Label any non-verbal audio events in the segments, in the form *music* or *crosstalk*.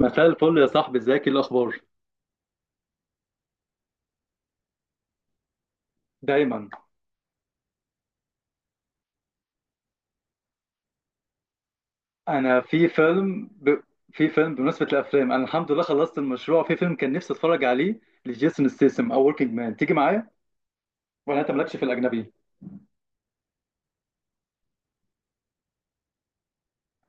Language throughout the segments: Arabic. مساء الفل يا صاحبي، ازيك؟ ايه الاخبار؟ دايما. انا في فيلم ب... في فيلم بمناسبه الافلام، انا الحمد لله خلصت المشروع. في فيلم كان نفسي اتفرج عليه لجيسون ستيسم، او وركينج مان، تيجي معايا؟ ولا انت مالكش في الاجنبي؟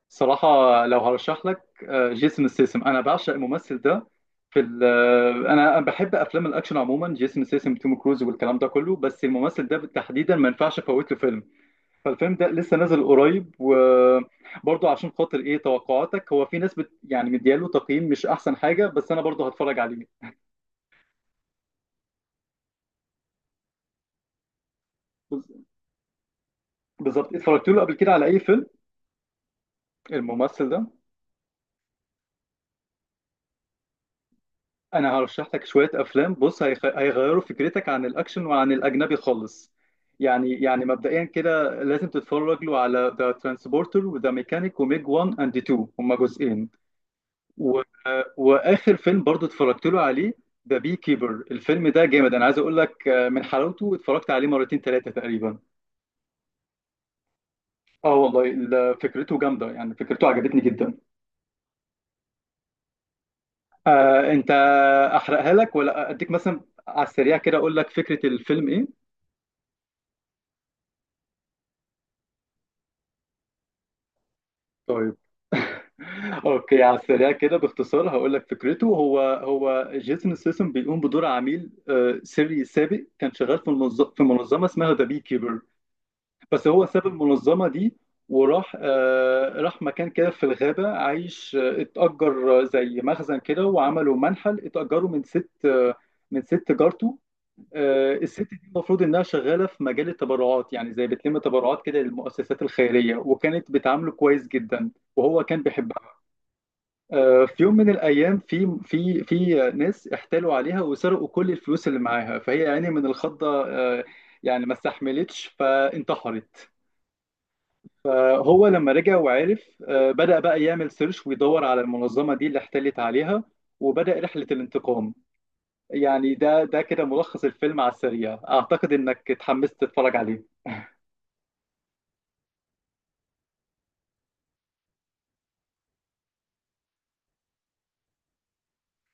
صراحه، لو هرشح لك، جيسون ستيسم، انا بعشق الممثل ده. في ال... آه، انا بحب افلام الاكشن عموما، جيسون ستيسم، توم كروز والكلام ده كله، بس الممثل ده بالتحديدا ما ينفعش افوت له فيلم. فالفيلم ده لسه نازل قريب، وبرضه عشان خاطر ايه توقعاتك؟ هو في ناس بت يعني مدياله تقييم مش احسن حاجه، بس انا برضه هتفرج عليه. بز- بالظبط، اتفرجت له قبل كده على اي فيلم الممثل ده؟ انا هرشح لك شويه افلام. بص، هيغيروا فكرتك عن الاكشن وعن الاجنبي خالص. يعني مبدئيا كده لازم تتفرج له على ذا ترانسبورتر، وذا ميكانيك، وميج 1 اند 2، هما جزئين. و... واخر فيلم برضو اتفرجت له عليه ذا بي كيبر. الفيلم ده جامد، انا عايز اقول لك، من حلاوته اتفرجت عليه مرتين ثلاثه تقريبا. اه والله، فكرته جامده، يعني فكرته عجبتني جدا. آه انت، احرقها لك ولا اديك مثلا على السريع كده اقول لك فكره الفيلم ايه؟ طيب. *laughs* اوكي، على السريع كده باختصار هقول لك فكرته. هو هو جيسون سيسم بيقوم بدور عميل سري سابق، كان شغال في منظمه اسمها ذا بي كيبر. بس هو ساب المنظمة دي، وراح، راح مكان كده في الغابة عايش، اتأجر زي مخزن كده، وعملوا منحل، اتأجروا من ست جارته. الست دي المفروض إنها شغالة في مجال التبرعات، يعني زي بتلم تبرعات كده للمؤسسات الخيرية، وكانت بتعامله كويس جدا، وهو كان بيحبها. في يوم من الأيام، في ناس احتالوا عليها وسرقوا كل الفلوس اللي معاها. فهي يعني من الخضة، يعني ما استحملتش، فانتحرت. فهو لما رجع وعرف، بدأ بقى يعمل سيرش ويدور على المنظمة دي اللي احتلت عليها، وبدأ رحلة الانتقام. يعني ده كده ملخص الفيلم على السريع. أعتقد إنك اتحمست تتفرج عليه.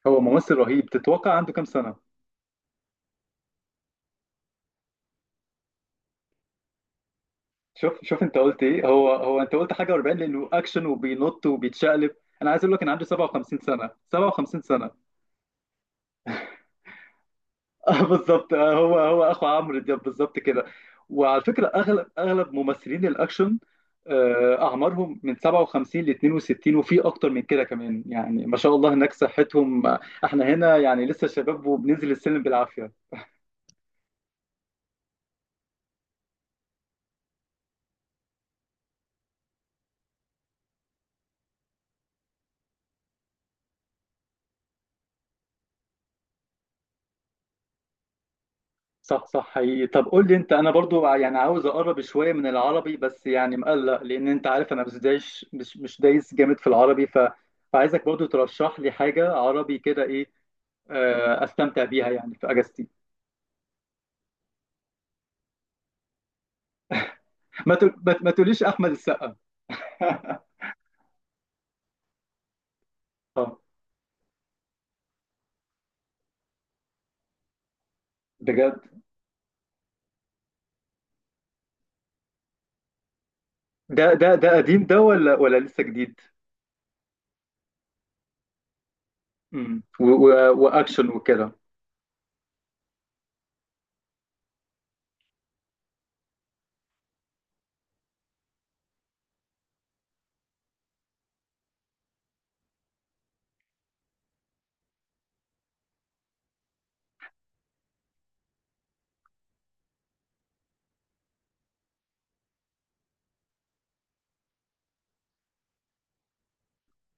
هو ممثل رهيب، تتوقع عنده كام سنة؟ شوف شوف، أنت قلت إيه؟ هو هو أنت قلت حاجة 40 لأنه أكشن وبينط وبيتشقلب؟ أنا عايز أقول لك إن عنده 57 سنة، 57 سنة. بالظبط. هو هو اخو عمرو دياب بالظبط كده. وعلى فكره، اغلب اغلب ممثلين الاكشن، اعمارهم من 57 ل 62، وفي اكتر من كده كمان، يعني ما شاء الله هناك صحتهم. احنا هنا يعني لسه شباب وبننزل السلم بالعافيه. صح، صح، حقيقي. طب قول لي انت، انا برضو يعني عاوز اقرب شويه من العربي، بس يعني مقلق، لان انت عارف انا مش دايش مش مش دايس جامد في العربي، فعايزك برضو ترشح لي حاجه عربي كده، ايه استمتع بيها يعني في اجازتي. ما تقوليش احمد السقا. *laughs* اه، بجد؟ ده قديم ده ولا لسه جديد؟ واكشن وكده؟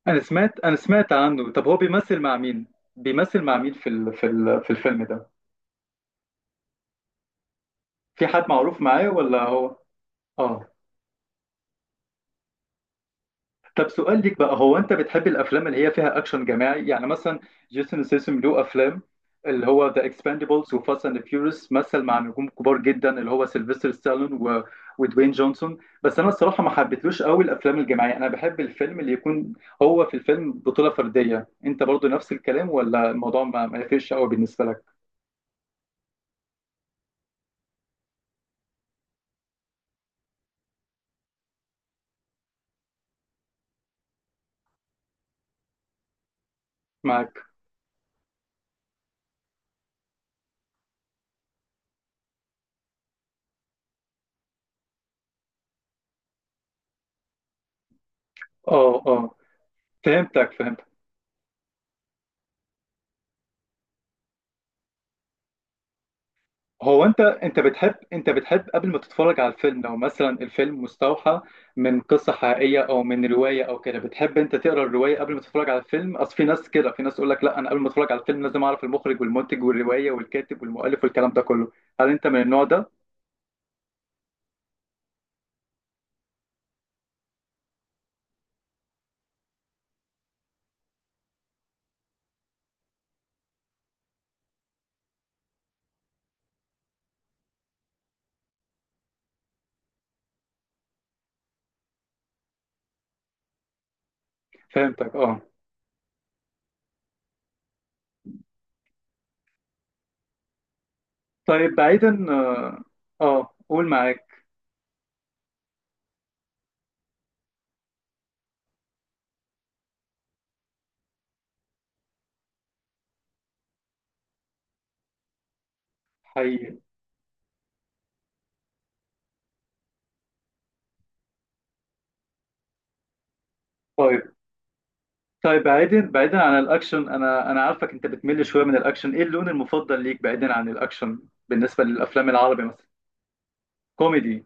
انا سمعت عنه. طب هو بيمثل مع مين؟ في الفيلم ده؟ في حد معروف معاه ولا هو؟ اه. طب سؤال ليك بقى، هو انت بتحب الافلام اللي هي فيها اكشن جماعي؟ يعني مثلا جيسون ستاثام له افلام، اللي هو ذا اكسباندبلز وفاست اند فيوريوس، مثل مع نجوم كبار جدا اللي هو سيلفستر ستالون ودوين جونسون. بس انا الصراحه ما حبيتلوش قوي الافلام الجماعيه. انا بحب الفيلم اللي يكون هو في الفيلم بطوله فرديه. انت برضو نفس الكلام، ولا الموضوع ما يفرقش قوي بالنسبه لك؟ معاك. اه، اه، فهمتك فهمتك. هو انت، بتحب قبل ما تتفرج على الفيلم، لو مثلا الفيلم مستوحى من قصة حقيقية او من رواية او كده، بتحب انت تقرا الرواية قبل ما تتفرج على الفيلم؟ اصل في ناس كده، في ناس يقول لك لا، انا قبل ما اتفرج على الفيلم لازم اعرف المخرج والمنتج والرواية والكاتب والمؤلف والكلام ده كله. هل انت من النوع ده؟ فهمتك، اه. طيب بعيدا، اه، قول، معاك. حقيقي. طيب طيب بعيدا بعيدا عن الاكشن، انا عارفك انت بتمل شوية من الاكشن، ايه اللون المفضل ليك بعيدا عن الاكشن بالنسبة للافلام العربي مثلا؟ كوميدي،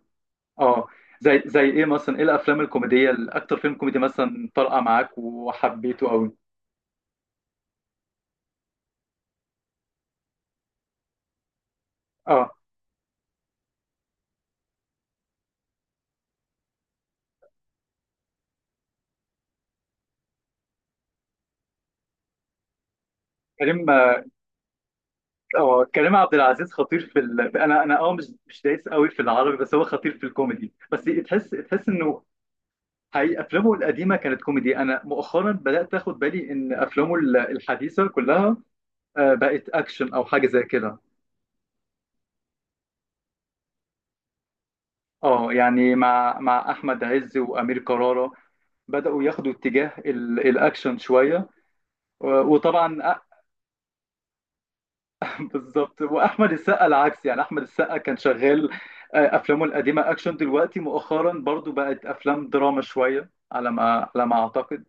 اه. زي ايه مثلا؟ ايه الافلام الكوميديه؟ الاكتر فيلم كوميدي مثلا طرقه معاك وحبيته قوي؟ اه كريم اه كريم عبد العزيز خطير انا، انا مش دايس قوي في العربي، بس هو خطير في الكوميدي. بس تحس تحس انه، حقيقي، افلامه القديمه كانت كوميدي. انا مؤخرا بدات اخد بالي ان افلامه الحديثه كلها بقت اكشن او حاجه زي كده. اه، يعني مع احمد عز وامير كرارة، بداوا ياخدوا اتجاه الاكشن شويه، و- وطبعا، بالظبط. واحمد السقا العكس، يعني احمد السقا كان شغال، افلامه القديمه اكشن، دلوقتي مؤخرا برضو بقت افلام دراما شويه على ما اعتقد.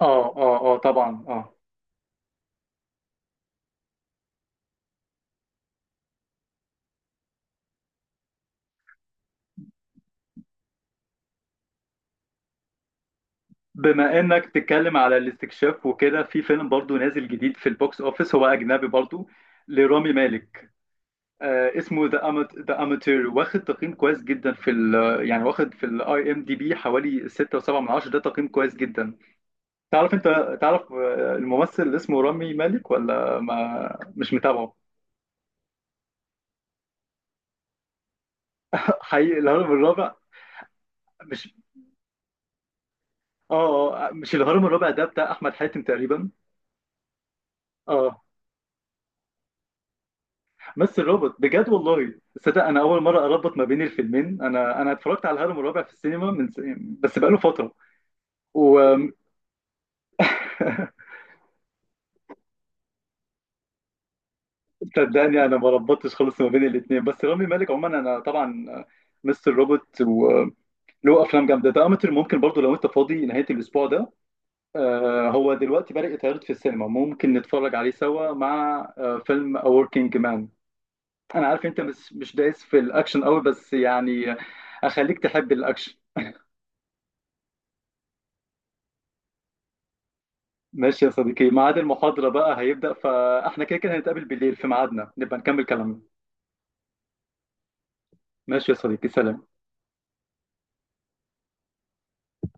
اه، اه، اه، طبعا، اه. بما انك تتكلم على الاستكشاف وكده، في فيلم برضو نازل جديد في البوكس اوفيس، هو اجنبي برضو، لرامي مالك، اسمه ذا اماتير. واخد تقييم كويس جدا يعني واخد في الاي ام دي بي حوالي 6.7 من 10، ده تقييم كويس جدا. تعرف، انت تعرف الممثل اللي اسمه رامي مالك، ولا ما مش متابعه؟ *laughs* حقيقي، الهرم الرابع؟ مش اه آه، مش الهرم الرابع ده بتاع احمد حاتم تقريبا؟ اه، مثل روبوت بجد والله. صدق، انا اول مره اربط ما بين الفيلمين. انا اتفرجت على الهرم الرابع في السينما بس بقاله فتره. وصدقني، *laughs* انا ما ربطتش خالص ما بين الاثنين. بس رامي مالك عموما، انا طبعا، مستر روبوت، وله افلام جامده، ده امتر ممكن برضو لو انت فاضي نهايه الاسبوع ده، هو دلوقتي بدأ يتعرض في السينما، ممكن نتفرج عليه سوا مع فيلم A Working Man. أنا عارف أنت مش دايس في الأكشن قوي، بس يعني أخليك تحب الأكشن. ماشي يا صديقي، ميعاد المحاضرة بقى هيبدأ، فإحنا كده كده هنتقابل بالليل في ميعادنا، نبقى نكمل كلامنا. ماشي يا صديقي، سلام.